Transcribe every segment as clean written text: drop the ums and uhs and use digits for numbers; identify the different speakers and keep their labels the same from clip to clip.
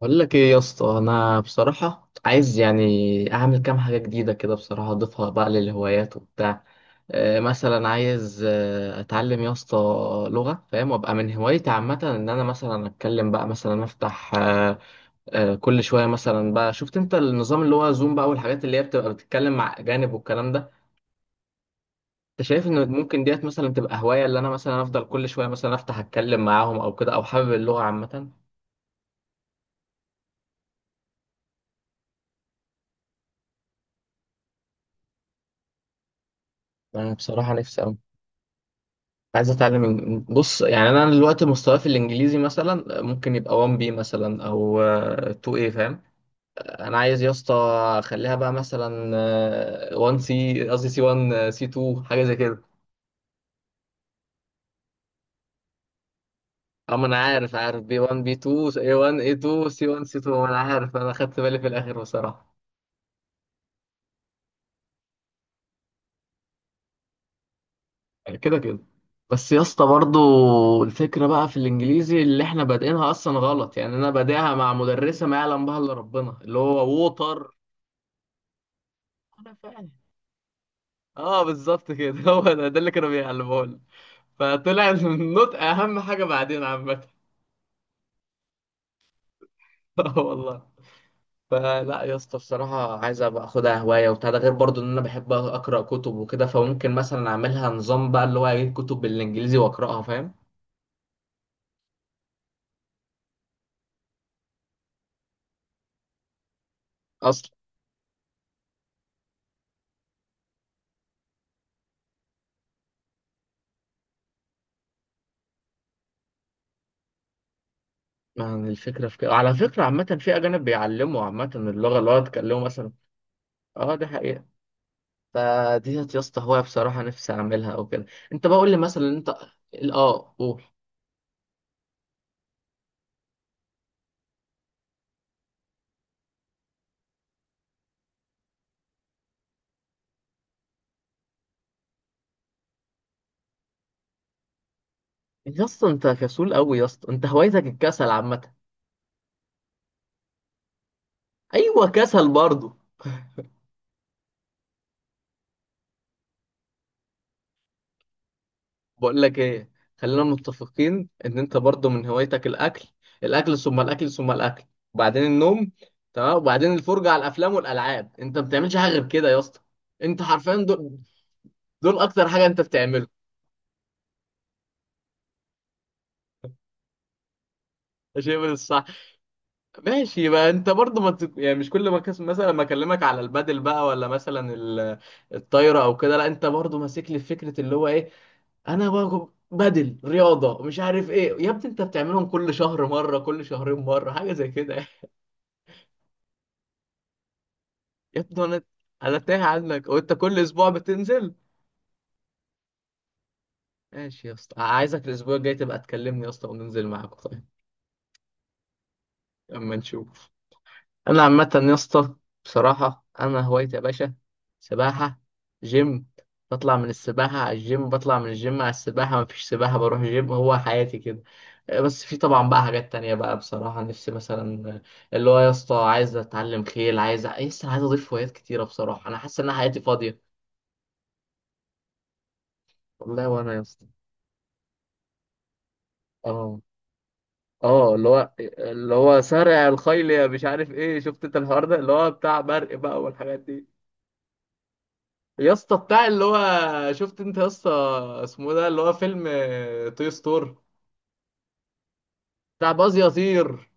Speaker 1: بقول لك ايه يا اسطى، انا بصراحه عايز يعني اعمل كام حاجه جديده كده. بصراحه اضيفها بقى للهوايات وبتاع. مثلا عايز اتعلم يا اسطى لغه، فاهم؟ وابقى من هوايتي عامه ان انا مثلا اتكلم بقى، مثلا افتح كل شويه مثلا بقى. شفت انت النظام اللي هو زوم بقى، والحاجات اللي هي بتبقى بتتكلم مع اجانب والكلام ده. انت شايف ان ممكن ديت مثلا تبقى هوايه اللي انا مثلا افضل كل شويه مثلا افتح اتكلم معاهم او كده، او حابب اللغه عامه؟ انا بصراحه نفسي أوي. عايز اتعلم بص، يعني انا دلوقتي مستواي في الانجليزي مثلا ممكن يبقى 1 بي مثلا او 2 اي، فاهم؟ انا عايز يا اسطى اخليها بقى مثلا 1 سي، قصدي سي 1 سي 2، حاجه زي كده. اما انا عارف، بي 1 بي 2 اي 1 اي 2 سي 1 سي 2، انا عارف، انا خدت بالي في الاخر بصراحه. كده كده. بس يا اسطى برضو الفكره بقى في الانجليزي اللي احنا بادئينها اصلا غلط. يعني انا بادئها مع مدرسه ما يعلم بها الا ربنا، اللي هو ووتر. انا فاهم. اه بالظبط كده. هو ده اللي كانوا بيعلموه لنا. فطلع النطق اهم حاجه بعدين عامه. اه والله. فلا يا اسطى بصراحه عايز ابقى اخدها هوايه وبتاع. ده غير برضو ان انا بحب اقرا كتب وكده، فممكن مثلا اعملها نظام بقى اللي هو اجيب كتب بالانجليزي واقراها، فاهم؟ اصلا. يعني الفكره في كده على فكره عامه، في اجانب بيعلموا عامه اللغه اللي هو يتكلموا مثلا. اه دي حقيقه. فدي يا اسطى هوايه بصراحه نفسي اعملها او كده. انت بقول لي مثلا انت. اه قول. يا اسطى انت كسول قوي يا اسطى، انت هوايتك الكسل عامه. ايوه كسل برضه. بقول لك ايه، خلينا متفقين ان انت برضه من هوايتك الاكل. الاكل ثم الاكل ثم الاكل. وبعدين النوم. تمام. وبعدين الفرجه على الافلام والالعاب. انت ما بتعملش حاجه غير كده يا اسطى. انت حرفيا دول. دول اكتر حاجه انت بتعمله. ده شيء من الصح. ماشي بقى. انت برضه ما يعني مش كل ما مثلا ما اكلمك على البادل بقى، ولا مثلا الطايره او كده. لا انت برضه ماسك لي فكره اللي هو ايه. انا بقى بدل رياضه مش عارف ايه، يا ابني انت بتعملهم كل شهر مره، كل شهرين مره، حاجه زي كده. يا ابني انا، انا تايه عنك وانت كل اسبوع بتنزل. ماشي يا اسطى، عايزك الاسبوع الجاي تبقى تكلمني يا اسطى وننزل معاك، طيب. اما نشوف. انا عامه يا اسطى بصراحه انا هوايتي يا باشا سباحه، جيم. بطلع من السباحه على الجيم، بطلع من الجيم على السباحه، مفيش سباحه بروح جيم. هو حياتي كده. بس في طبعا بقى حاجات تانية بقى بصراحه نفسي مثلا اللي هو يا اسطى عايز اتعلم خيل. عايز لسه عايز اضيف هوايات كتيره بصراحه، انا حاسس ان أنا حياتي فاضيه. والله وانا يا اسطى. اه اه. اللي هو سارع الخيل يا مش عارف ايه، شفت انت الحوار ده اللي هو بتاع برق بقى والحاجات دي. يا اسطى بتاع اللي هو شفت انت يا اسطى اسمه ده اللي هو فيلم توي ستور بتاع باز يطير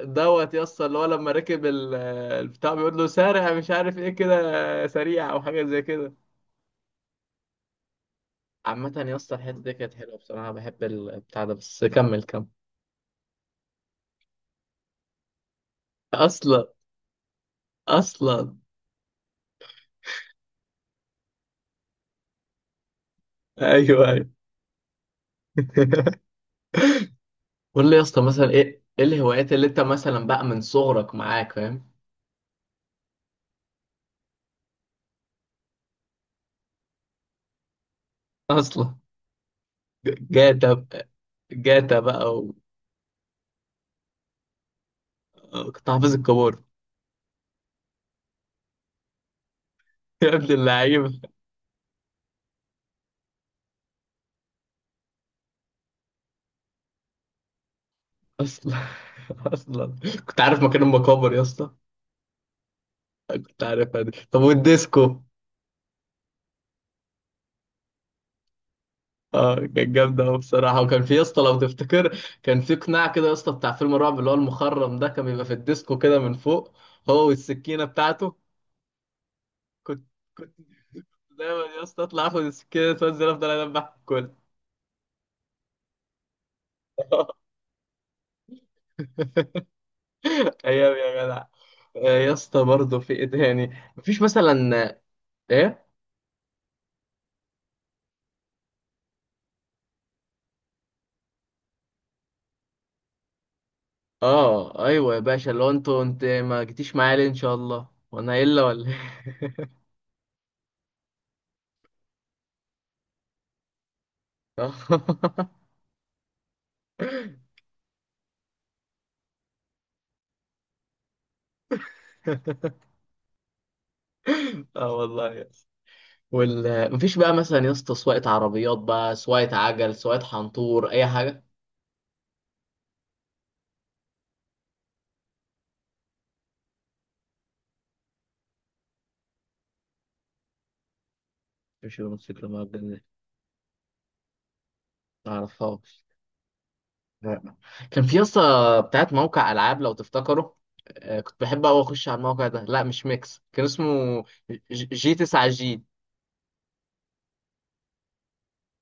Speaker 1: دوت. يا اسطى اللي هو لما ركب البتاع بيقول له سارع مش عارف ايه كده سريع او حاجه زي كده. عامه يا اسطى الحته دي كانت حلوه بصراحه، بحب البتاع ده، بس كمل كمل. اصلا اصلا. ايوه ايوه. قول لي يا اسطى مثلا ايه ايه الهوايات اللي انت مثلا بقى من صغرك معاك، فاهم؟ اصلا. جاتا. جاتا بقى و-. وكنت حافظ الكبار. يا ابن اللعيبة. اصلا اصلا. كنت عارف مكان المقابر يا اسطى. كنت عارفها دي. طب والديسكو؟ اه كانت جامدة أوي بصراحة. وكان في يا اسطى، لو تفتكر، كان في قناع كده يا اسطى بتاع فيلم الرعب اللي هو المخرم ده، كان بيبقى في الديسكو كده من فوق، هو والسكينة بتاعته. كنت كنت دايما يا اسطى اطلع اخد السكينة اتوزن افضل اذبح الكل. ايام يا جدع. يا اسطى برضه في ايه تاني؟ مفيش مثلا؟ ايه. اه ايوه يا باشا، لو انت ما جيتيش معايا ليه ان شاء الله، وانا الا ولا إيه؟ اه والله يا اسطى. وال مفيش بقى مثلا يا اسطى سواقة عربيات بقى، سواقة عجل، سواقة حنطور، اي حاجة؟ مفيش الموتوسيكل المعجل دي، ما اعرفهاش. لا. كان في يا اسطى بتاعت موقع العاب لو تفتكروا. كنت بحب قوي اخش على الموقع ده. لا مش ميكس كان اسمه. جي 9 جي.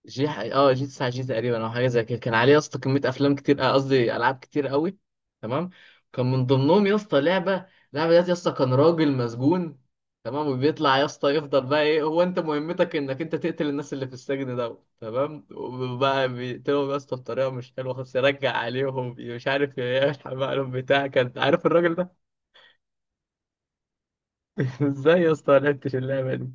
Speaker 1: جي اه جي 9 جي تقريبا او حاجه زي كده. كان عليه يا اسطى كميه افلام كتير، قصدي العاب كتير قوي. تمام. كان من ضمنهم يا اسطى لعبه. اللعبه ديت يا اسطى كان راجل مسجون، تمام. وبيطلع يا اسطى يفضل بقى ايه، هو انت مهمتك انك انت تقتل الناس اللي في السجن ده، تمام. وبقى بيقتلهم يا اسطى بطريقه مش حلوه خالص. يرجع عليهم مش عارف إيه، يلحق بقى لهم بتاع. كان عارف الراجل ده؟ ازاي يا اسطى ما لعبتش اللعبه دي؟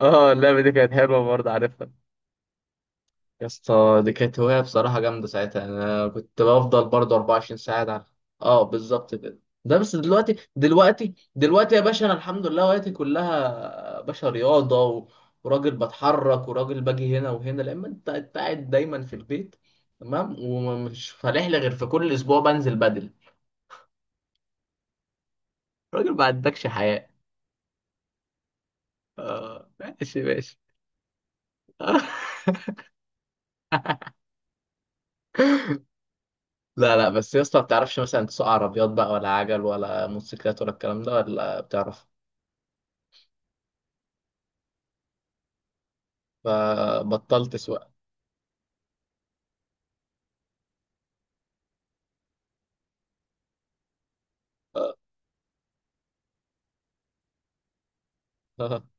Speaker 1: اه اللعبه دي كانت حلوه برضه، عارفها. يا اسطى دي كانت هواية بصراحة جامدة ساعتها، يعني أنا كنت بفضل برضه 24 ساعة ده. اه بالظبط كده. ده بس دلوقتي دلوقتي دلوقتي يا باشا أنا الحمد لله وقتي كلها باشا رياضة و... وراجل بتحرك وراجل باجي هنا وهنا، لأما أنت قاعد دايما في البيت، تمام. ومش فالح لي غير في كل أسبوع بنزل بدل. راجل ما عندكش حياة. اه ماشي ماشي. لا لا بس يا اسطى ما بتعرفش مثلا تسوق عربيات بقى، ولا عجل، ولا موتوسيكلات ولا الكلام ده، ولا بتعرف. فبطلت سواقة.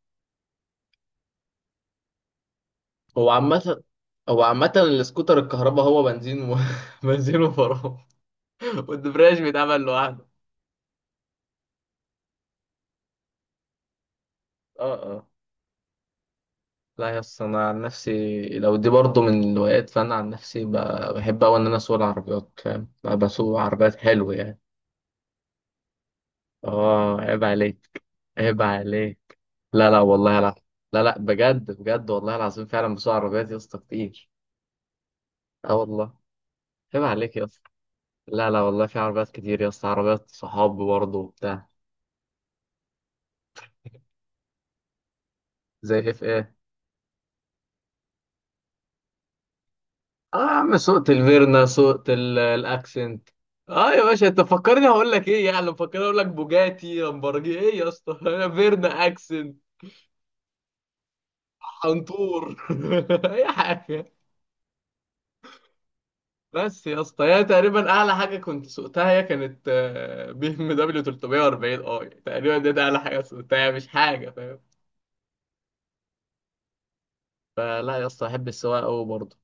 Speaker 1: هو عامة، السكوتر الكهرباء هو بنزين و... بنزين وفرامل. والدبرياج بيتعمل لوحده. اه اه. لا يا اسطى انا عن نفسي لو دي برضه من الهوايات، فانا عن نفسي بحب اوي ان انا اسوق العربيات، فاهم؟ بسوق عربيات حلو يعني. اه عيب عليك. عيب عليك. لا لا والله لا. لا لا بجد بجد والله العظيم فعلا بسوق عربيات يا اسطى كتير. اه والله. عيب عليك يا. لا لا والله، في عربيات كتير يا اسطى، عربيات صحاب برضه وبتاع. زي اف ايه. اه يا عم سوقت الفيرنا، سوقت الاكسنت. اه يا باشا انت فكرني هقول لك ايه، يعني مفكرني اقول لك بوجاتي لامبرجي، ايه يا اسطى؟ فيرنا اكسنت. حنطور. اي حاجه. بس يا اسطى هي تقريبا اعلى حاجه كنت سوقتها، هي كانت بي ام دبليو 340 اي تقريبا. دي ده اعلى حاجه سوقتها، مش حاجه، فاهم؟ فلا يا اسطى احب السواقه قوي برضه.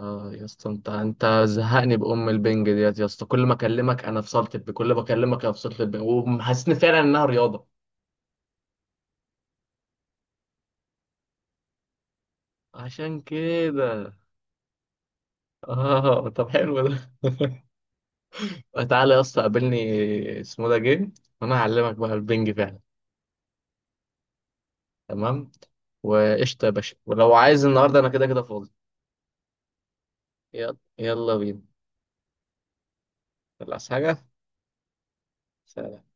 Speaker 1: اه يا اسطى انت زهقني بام البنج ديت يا اسطى، كل ما اكلمك انا في كل ما اكلمك انا في صاله البنج وحاسسني فعلا انها رياضه. عشان كده. اه طب حلو ده. تعالى يا اسطى قابلني. اسمه ده جيم. وانا هعلمك بقى البنج فعلا. تمام. وقشطه يا باشا، ولو عايز النهارده انا كده كده فاضي. يلا يلا بينا. خلاص حاجه. سلام.